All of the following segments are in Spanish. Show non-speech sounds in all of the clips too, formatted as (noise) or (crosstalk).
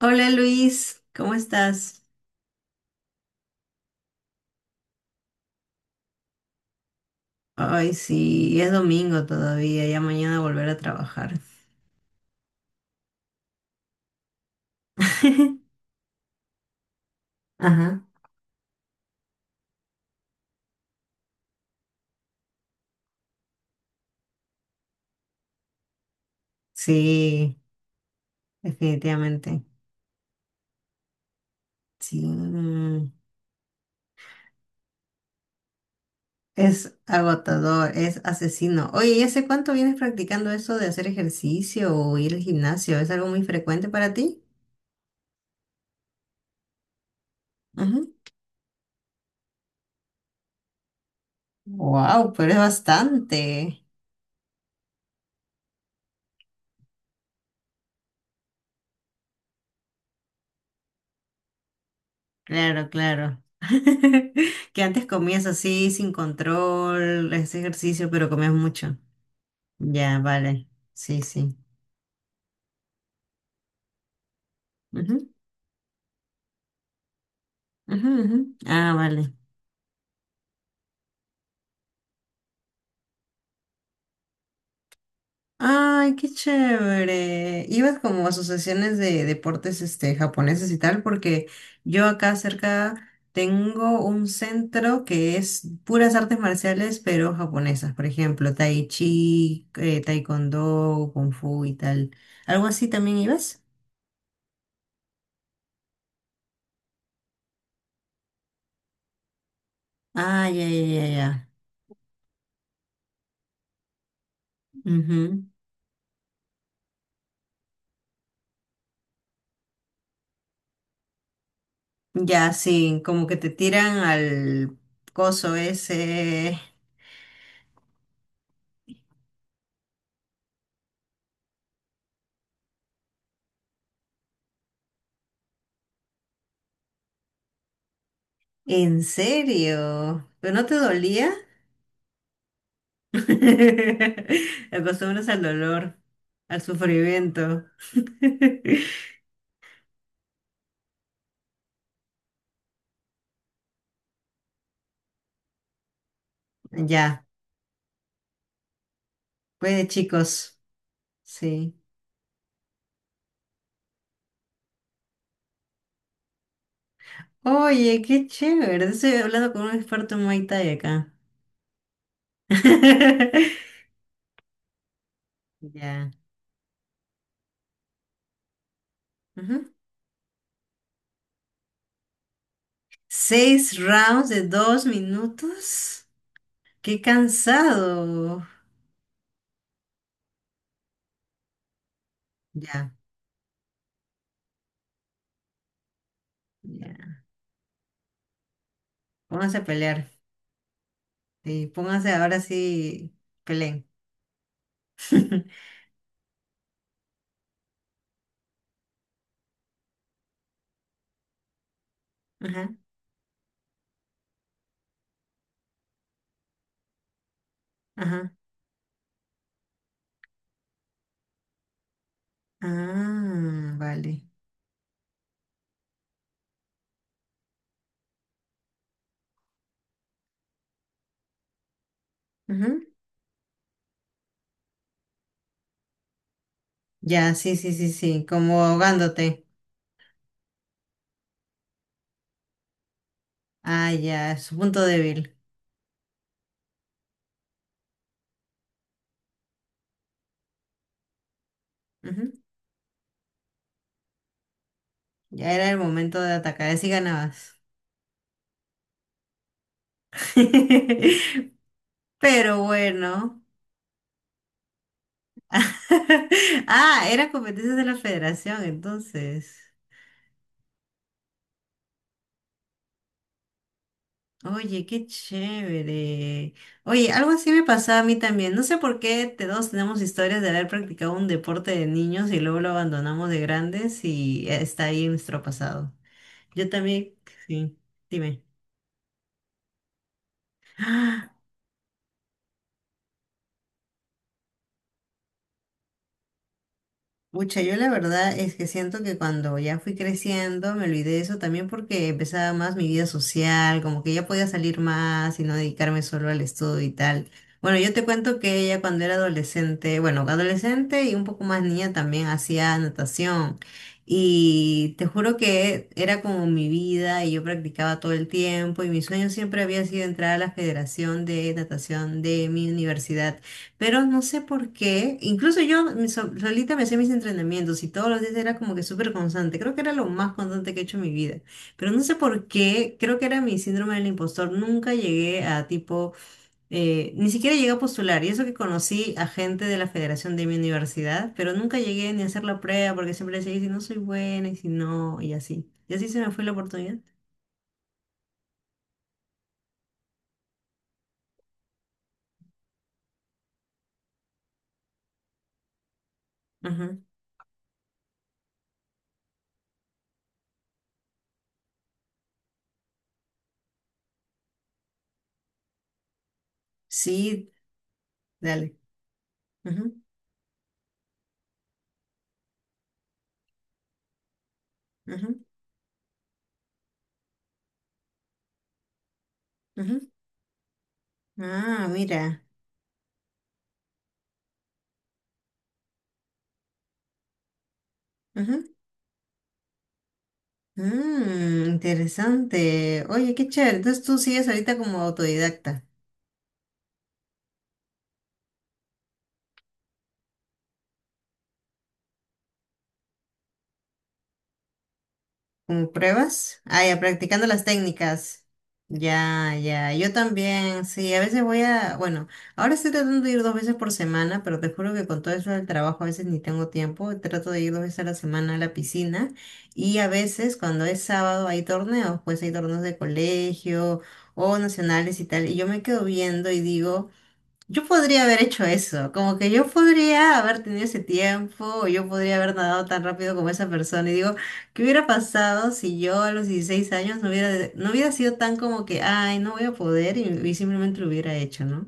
Hola Luis, ¿cómo estás? Ay, sí, es domingo todavía, ya mañana volver a trabajar. (laughs) Ajá. Sí, definitivamente. Sí, mm, es agotador, es asesino. Oye, ¿y hace cuánto vienes practicando eso de hacer ejercicio o ir al gimnasio? ¿Es algo muy frecuente para ti? Wow, pero es bastante. Claro, claro. (laughs) Que antes comías así sin control, ese ejercicio, pero comías mucho. Ya, vale. Sí, sí. Ujú, ujú, ujú. Ah, vale. Ay, qué chévere. Ibas como a asociaciones de deportes este, japoneses y tal, porque yo acá cerca tengo un centro que es puras artes marciales, pero japonesas. Por ejemplo, tai chi, taekwondo, kung fu y tal. ¿Algo así también ibas? Ah, ya, ya, ya, ya. Ujú. Ya, sí, como que te tiran al coso ese. ¿En serio? ¿Pero no te dolía? (laughs) Te acostumbras al dolor, al sufrimiento. (laughs) Ya, pues chicos, sí. Oye, qué chévere. Estoy hablando con un experto en Muay Thai acá. (laughs) Ya. Ujú. 6 rounds de 2 minutos. Qué cansado. Ya, ya. Pónganse a pelear. Sí, pónganse ahora sí, peleen. (laughs) Ajá, ajá. Ah, vale. Ujú. Ya, sí, sí, sí, sí, como ahogándote. Ah, ya, es su punto débil. Ujú. Ya era el momento de atacar, así ganabas. (laughs) Pero bueno. (laughs) Ah, era competencia de la federación, entonces. Oye, qué chévere. Oye, algo así me pasaba a mí también. No sé por qué te dos tenemos historias de haber practicado un deporte de niños y luego lo abandonamos de grandes y está ahí en nuestro pasado. Yo también, sí, dime. Mucha, yo la verdad es que siento que cuando ya fui creciendo me olvidé de eso también porque empezaba más mi vida social, como que ya podía salir más y no dedicarme solo al estudio y tal. Bueno, yo te cuento que ella cuando era adolescente, bueno, adolescente y un poco más niña también hacía natación y te juro que era como mi vida y yo practicaba todo el tiempo y mi sueño siempre había sido entrar a la Federación de Natación de mi universidad. Pero no sé por qué, incluso yo solita me hacía mis entrenamientos y todos los días era como que súper constante. Creo que era lo más constante que he hecho en mi vida. Pero no sé por qué, creo que era mi síndrome del impostor. Nunca llegué a tipo, ni siquiera llegué a postular. Y eso que conocí a gente de la federación de mi universidad, pero nunca llegué ni a hacer la prueba porque siempre decía, "Y si no soy buena, y si no, y así. Y así se me fue la oportunidad. Ajá. Sí, dale. Ajá, ajá, ajá. Ah, mira. Mm, interesante. Oye, qué chévere. Entonces tú sigues ahorita como autodidacta, como pruebas. Ah, ya, practicando las técnicas. Ya, ya. Yo también, sí, a veces voy a, bueno, ahora estoy tratando de ir 2 veces por semana, pero te juro que con todo eso del trabajo a veces ni tengo tiempo. Trato de ir 2 veces a la semana a la piscina y a veces cuando es sábado hay torneos, pues hay torneos de colegio o nacionales y tal, y yo me quedo viendo y digo... Yo podría haber hecho eso, como que yo podría haber tenido ese tiempo, o yo podría haber nadado tan rápido como esa persona. Y digo, ¿qué hubiera pasado si yo a los 16 años no hubiera sido tan como que, ay, no voy a poder y simplemente lo hubiera hecho, ¿no?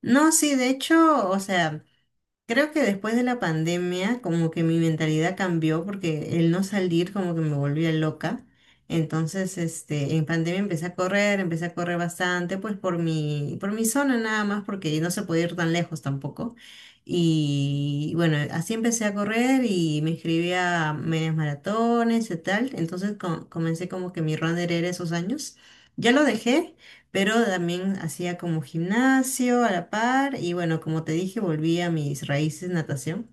No, sí, de hecho, o sea... Creo que después de la pandemia, como que mi mentalidad cambió porque el no salir como que me volvía loca. Entonces, este, en pandemia empecé a correr bastante, pues por mi zona nada más, porque no se podía ir tan lejos tampoco. Y bueno, así empecé a correr y me inscribí a medias maratones y tal. Entonces comencé como que mi run era esos años. Ya lo dejé pero también hacía como gimnasio a la par y bueno, como te dije, volví a mis raíces, natación.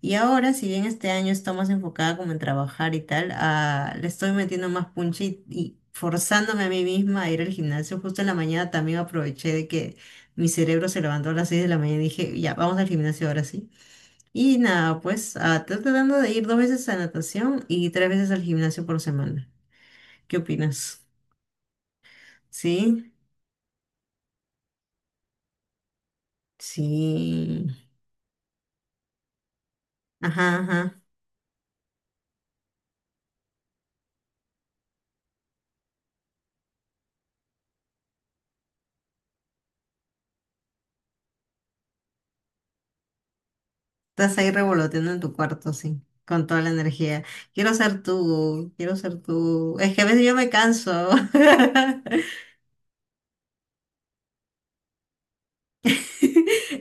Y ahora, si bien este año está más enfocada como en trabajar y tal, ah, le estoy metiendo más punch y forzándome a mí misma a ir al gimnasio. Justo en la mañana también aproveché de que mi cerebro se levantó a las 6 de la mañana y dije, ya, vamos al gimnasio ahora sí. Y nada, pues ah, estoy tratando de ir 2 veces a natación y 3 veces al gimnasio por semana. ¿Qué opinas? ¿Sí? Sí. Ajá, ajá. Estás ahí revoloteando en tu cuarto, sí, con toda la energía. Quiero ser tú, quiero ser tú. Es que a veces yo me canso. (laughs)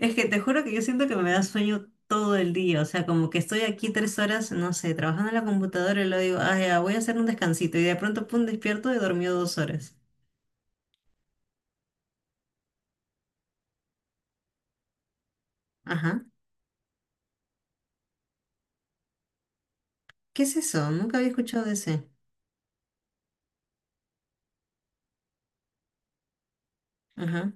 Es que te juro que yo siento que me da sueño todo el día. O sea, como que estoy aquí 3 horas, no sé, trabajando en la computadora y luego digo, ah, ya, voy a hacer un descansito. Y de pronto, pum, despierto y dormí 2 horas. Ajá. ¿Qué es eso? Nunca había escuchado de ese. Ajá.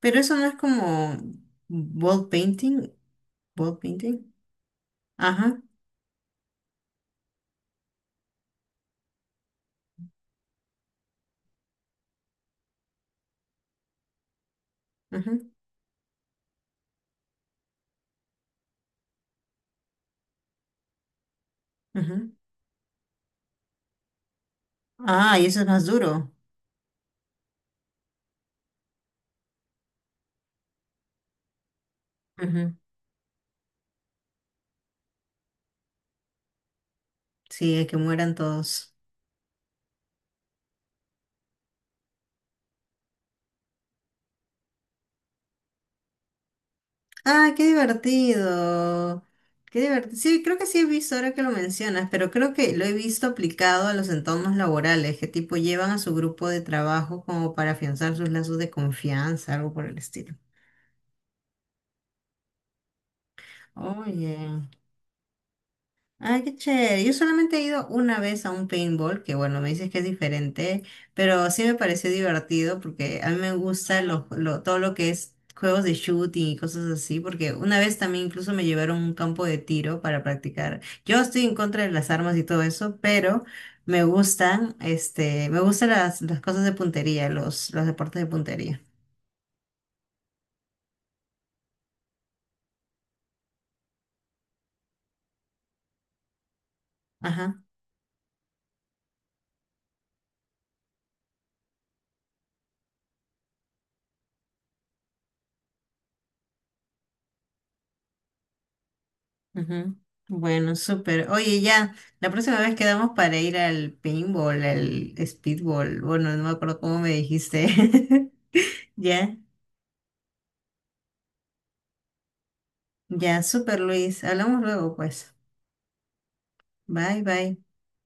Pero eso no es como wall painting. Wall painting. Ajá, ajá, ajá. Ah, y eso no es más duro. Ujú. Sí, es que mueran todos. Ah, qué divertido. Qué divertido. Sí, creo que sí he visto ahora que lo mencionas, pero creo que lo he visto aplicado a los entornos laborales, que tipo llevan a su grupo de trabajo como para afianzar sus lazos de confianza, algo por el estilo. Oye. Ay, qué chévere. Yo solamente he ido una vez a un paintball, que bueno, me dices que es diferente, pero sí me pareció divertido porque a mí me gusta todo lo que es juegos de shooting y cosas así, porque una vez también incluso me llevaron a un campo de tiro para practicar. Yo estoy en contra de las armas y todo eso, pero me gustan, este, me gustan las cosas de puntería, los deportes de puntería. Ajá. Ujú. Bueno, súper. Oye, ya, la próxima vez quedamos para ir al paintball, al speedball. Bueno, no me acuerdo cómo me dijiste. (laughs) Ya, ya, súper, Luis. Hablamos luego, pues. Bye, bye.